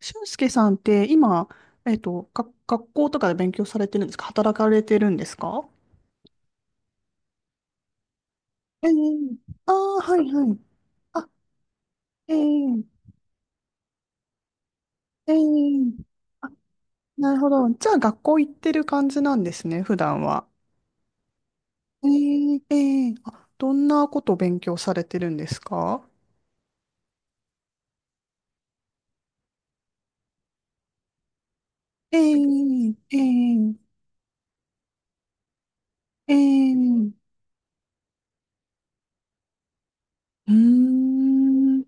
俊介さんって今、が学校とかで勉強されてるんですか？働かれてるんですか？ええああー、はいはい。あ、ええええあ、なるほど。じゃあ学校行ってる感じなんですね、普段は。ええええあ、どんなことを勉強されてるんですか？ええええええうーん、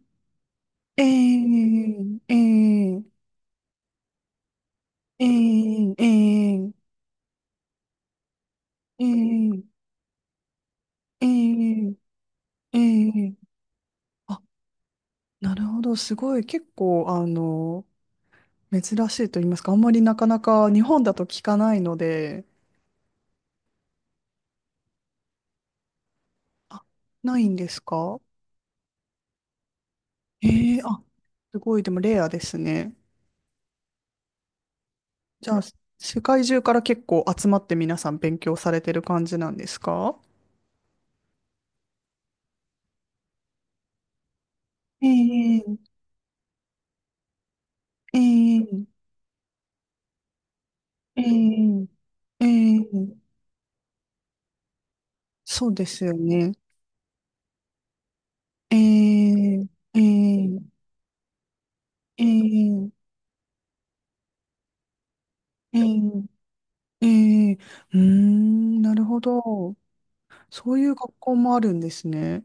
えええええええええええええあ、なるほど。すごい。結構、珍しいと言いますか、あんまりなかなか日本だと聞かないので、あ、ないんですか？ええあ、すごい。でもレアですね。じゃあ、世界中から結構集まって皆さん勉強されてる感じなんですか？ええええええええそうですよね。ええええええええええうーん、なるほど。そういう学校もあるんですね。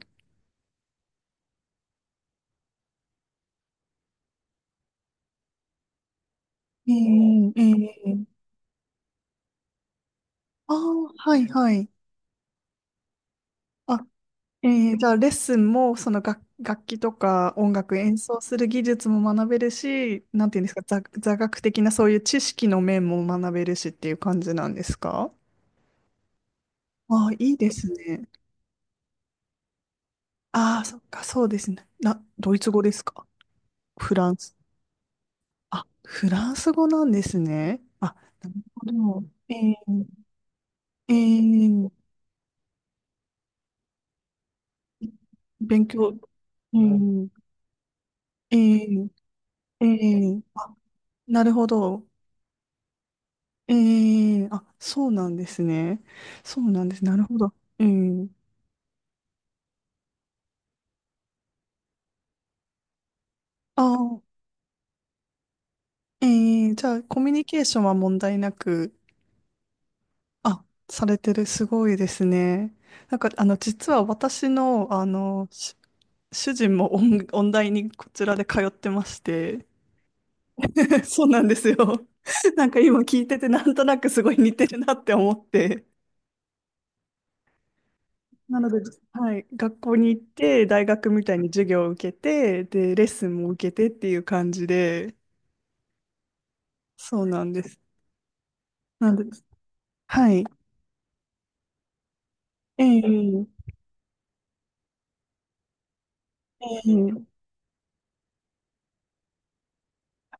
えうえええああはいはい。あ、ええじゃあレッスンも、その楽器とか音楽演奏する技術も学べるし、なんていうんですか、座学的なそういう知識の面も学べるしっていう感じなんですか？ああいいですね。ああ、そっか、そうですね。ドイツ語ですか？フランス。あ、フランス語なんですね。あ、なるほど。ええええ勉強。ええええええあ、なるほど。ええあ、そうなんですね。そうなんです。なるほど。ええあ、ええじゃあ、コミュニケーションは問題なく、あ、されてる、すごいですね。なんか、実は私の、主人も音大にこちらで通ってまして、そうなんですよ。なんか今聞いてて、なんとなくすごい似てるなって思って。なので、はい、学校に行って、大学みたいに授業を受けて、で、レッスンも受けてっていう感じで、そうなんです。なんで、はい。ええええ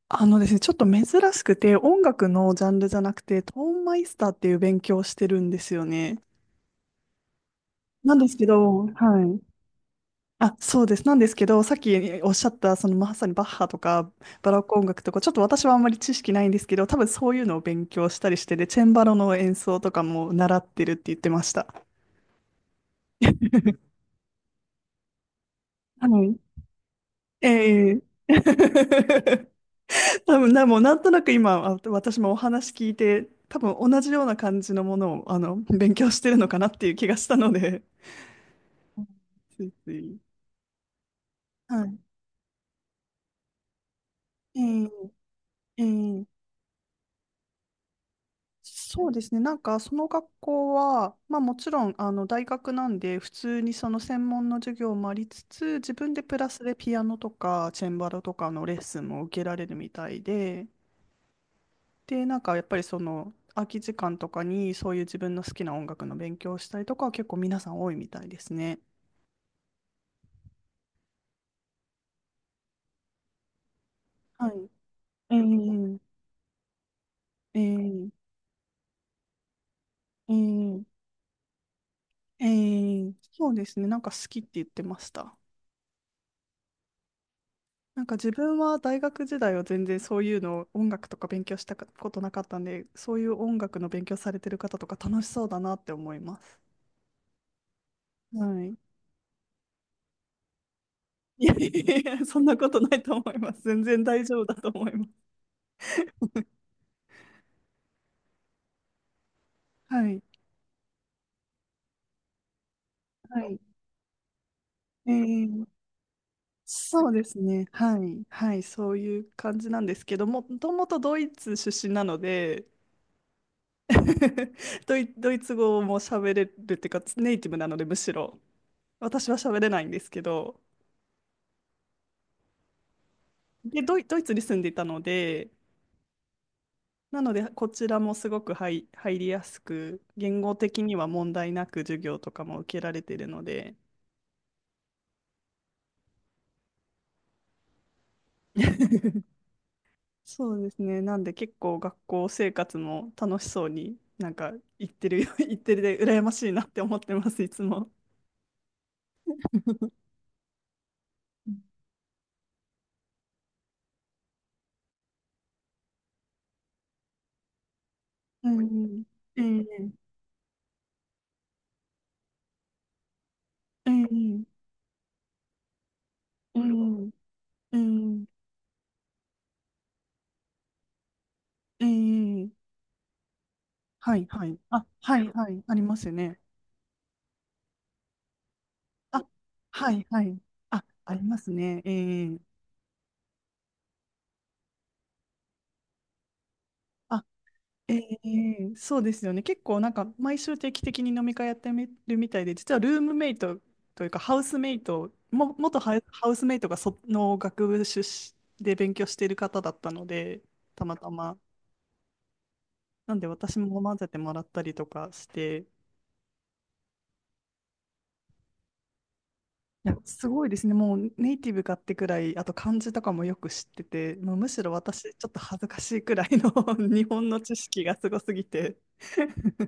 あのですね、ちょっと珍しくて、音楽のジャンルじゃなくて、トーンマイスターっていう勉強をしてるんですよね。なんですけど、はい。あ、そうです。なんですけど、さっきおっしゃった、そのまさにバッハとかバロック音楽とか、ちょっと私はあんまり知識ないんですけど、多分そういうのを勉強したりして、で、チェンバロの演奏とかも習ってるって言ってました。はい。ええ 多分な、もうなんとなく今、あ私もお話聞いて、多分同じような感じのものを、勉強してるのかなっていう気がしたので、ついつい。はい。ええええそうですね。なんか、その学校は、まあもちろん、大学なんで、普通にその専門の授業もありつつ、自分でプラスでピアノとか、チェンバロとかのレッスンも受けられるみたいで、で、なんか、やっぱりその、空き時間とかに、そういう自分の好きな音楽の勉強をしたりとかは結構皆さん多いみたいですね。はい。えー、えー、えー、えー、そうですね。なんか好きって言ってました。なんか自分は大学時代は全然そういうの音楽とか勉強したことなかったんで、そういう音楽の勉強されてる方とか楽しそうだなって思います。はい。いやいやいや、そんなことないと思います。全然大丈夫だと思います。はい。はい。えーそうですね。はい。はい。そういう感じなんですけども、もともとドイツ出身なので、ドイツ語も喋れるっていうか、ネイティブなので、むしろ。私は喋れないんですけど、で、ドイツに住んでいたので、なので、こちらもすごく入りやすく、言語的には問題なく授業とかも受けられているので、そうですね、なんで結構学校生活も楽しそうに、なんか行ってるよ、行ってるで、羨ましいなって思ってます、いつも。うんうんうんうんうんうんうんはいはい。あ、はいはい。ありますよね。あ、はいはい。あ、ありますね。ええええそうですよね。結構なんか毎週定期的に飲み会やってみるみたいで、実はルームメイトというかハウスメイト、も、元ハウスメイトがその学部出身で勉強している方だったので、たまたま。なんで私も混ぜてもらったりとかして、いや、すごいですね。もうネイティブかってくらい、あと漢字とかもよく知ってて、もうむしろ私ちょっと恥ずかしいくらいの 日本の知識がすごすぎて。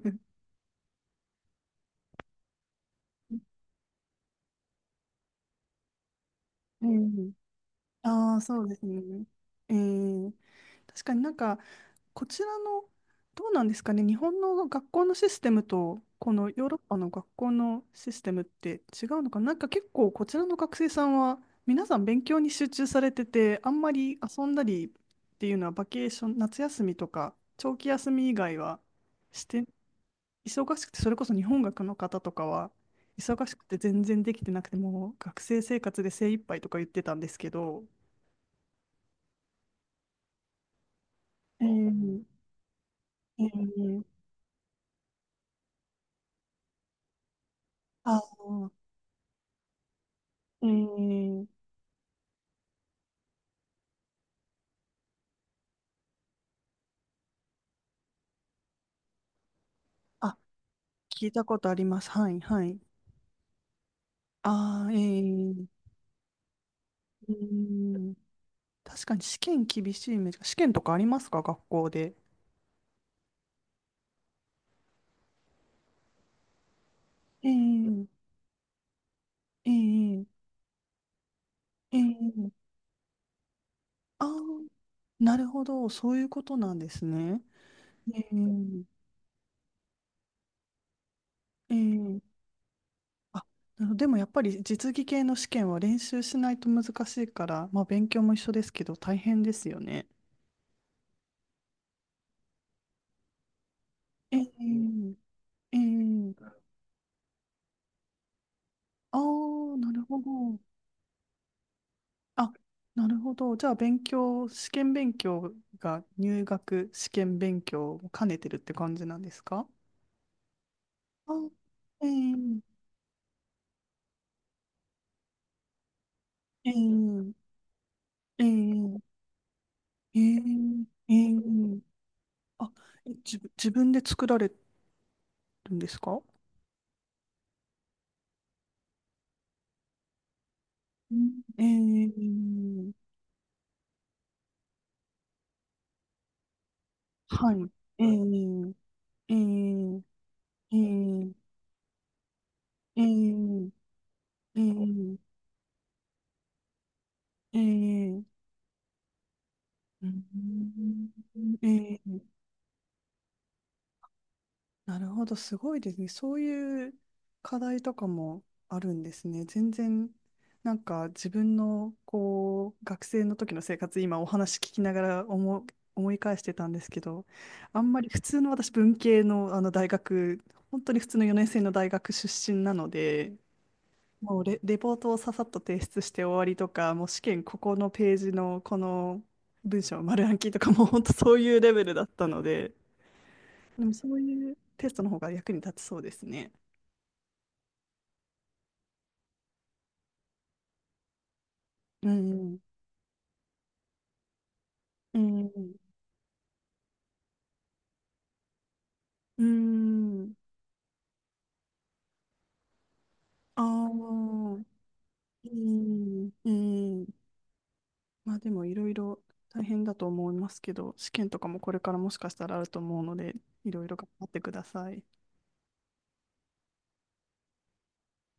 うんああ、そうですね。えー、確かになんか、こちらの、どうなんですかね、日本の学校のシステムと、このヨーロッパの学校のシステムって違うのかな、なんか結構、こちらの学生さんは、皆さん勉強に集中されてて、あんまり遊んだりっていうのは、バケーション、夏休みとか、長期休み以外はして、忙しくて、それこそ日本学の方とかは、忙しくて全然できてなくて、もう学生生活で精一杯とか言ってたんですけど、えー、えー、あー、えー、あ、聞いたことあります。はい、はい。ああ、えー、うーん、確かに試験厳しいイメージ。試験とかありますか、学校で？えー、えー、えー、ああ、なるほど、そういうことなんですね。えー、えー、あ、なるほど。でもやっぱり実技系の試験は練習しないと難しいから、まあ勉強も一緒ですけど大変ですよね。えー、えーああ、なるほど。あ、なるほど。じゃあ、勉強、試験勉強が入学試験勉強を兼ねてるって感じなんですか？あ、ええええええええええあ、え自分で作られるんですか？うんええはい。えええええええええええええええええなるほど、すごいですね。そういう課題とかもあるんですね。全然、なんか自分のこう学生の時の生活、今お話聞きながら思う、思い返してたんですけど、あんまり普通の私、文系の、大学、本当に普通の4年生の大学出身なので、もうレポートをささっと提出して終わりとか、もう試験ここのページのこの文章丸暗記とかもう本当そういうレベルだったので、でもそういうテストの方が役に立ちそうですね。うんうん。うん。うん。ああー。うん。うん。まあでもいろいろ大変だと思いますけど、試験とかもこれからもしかしたらあると思うので、いろいろ頑張ってください。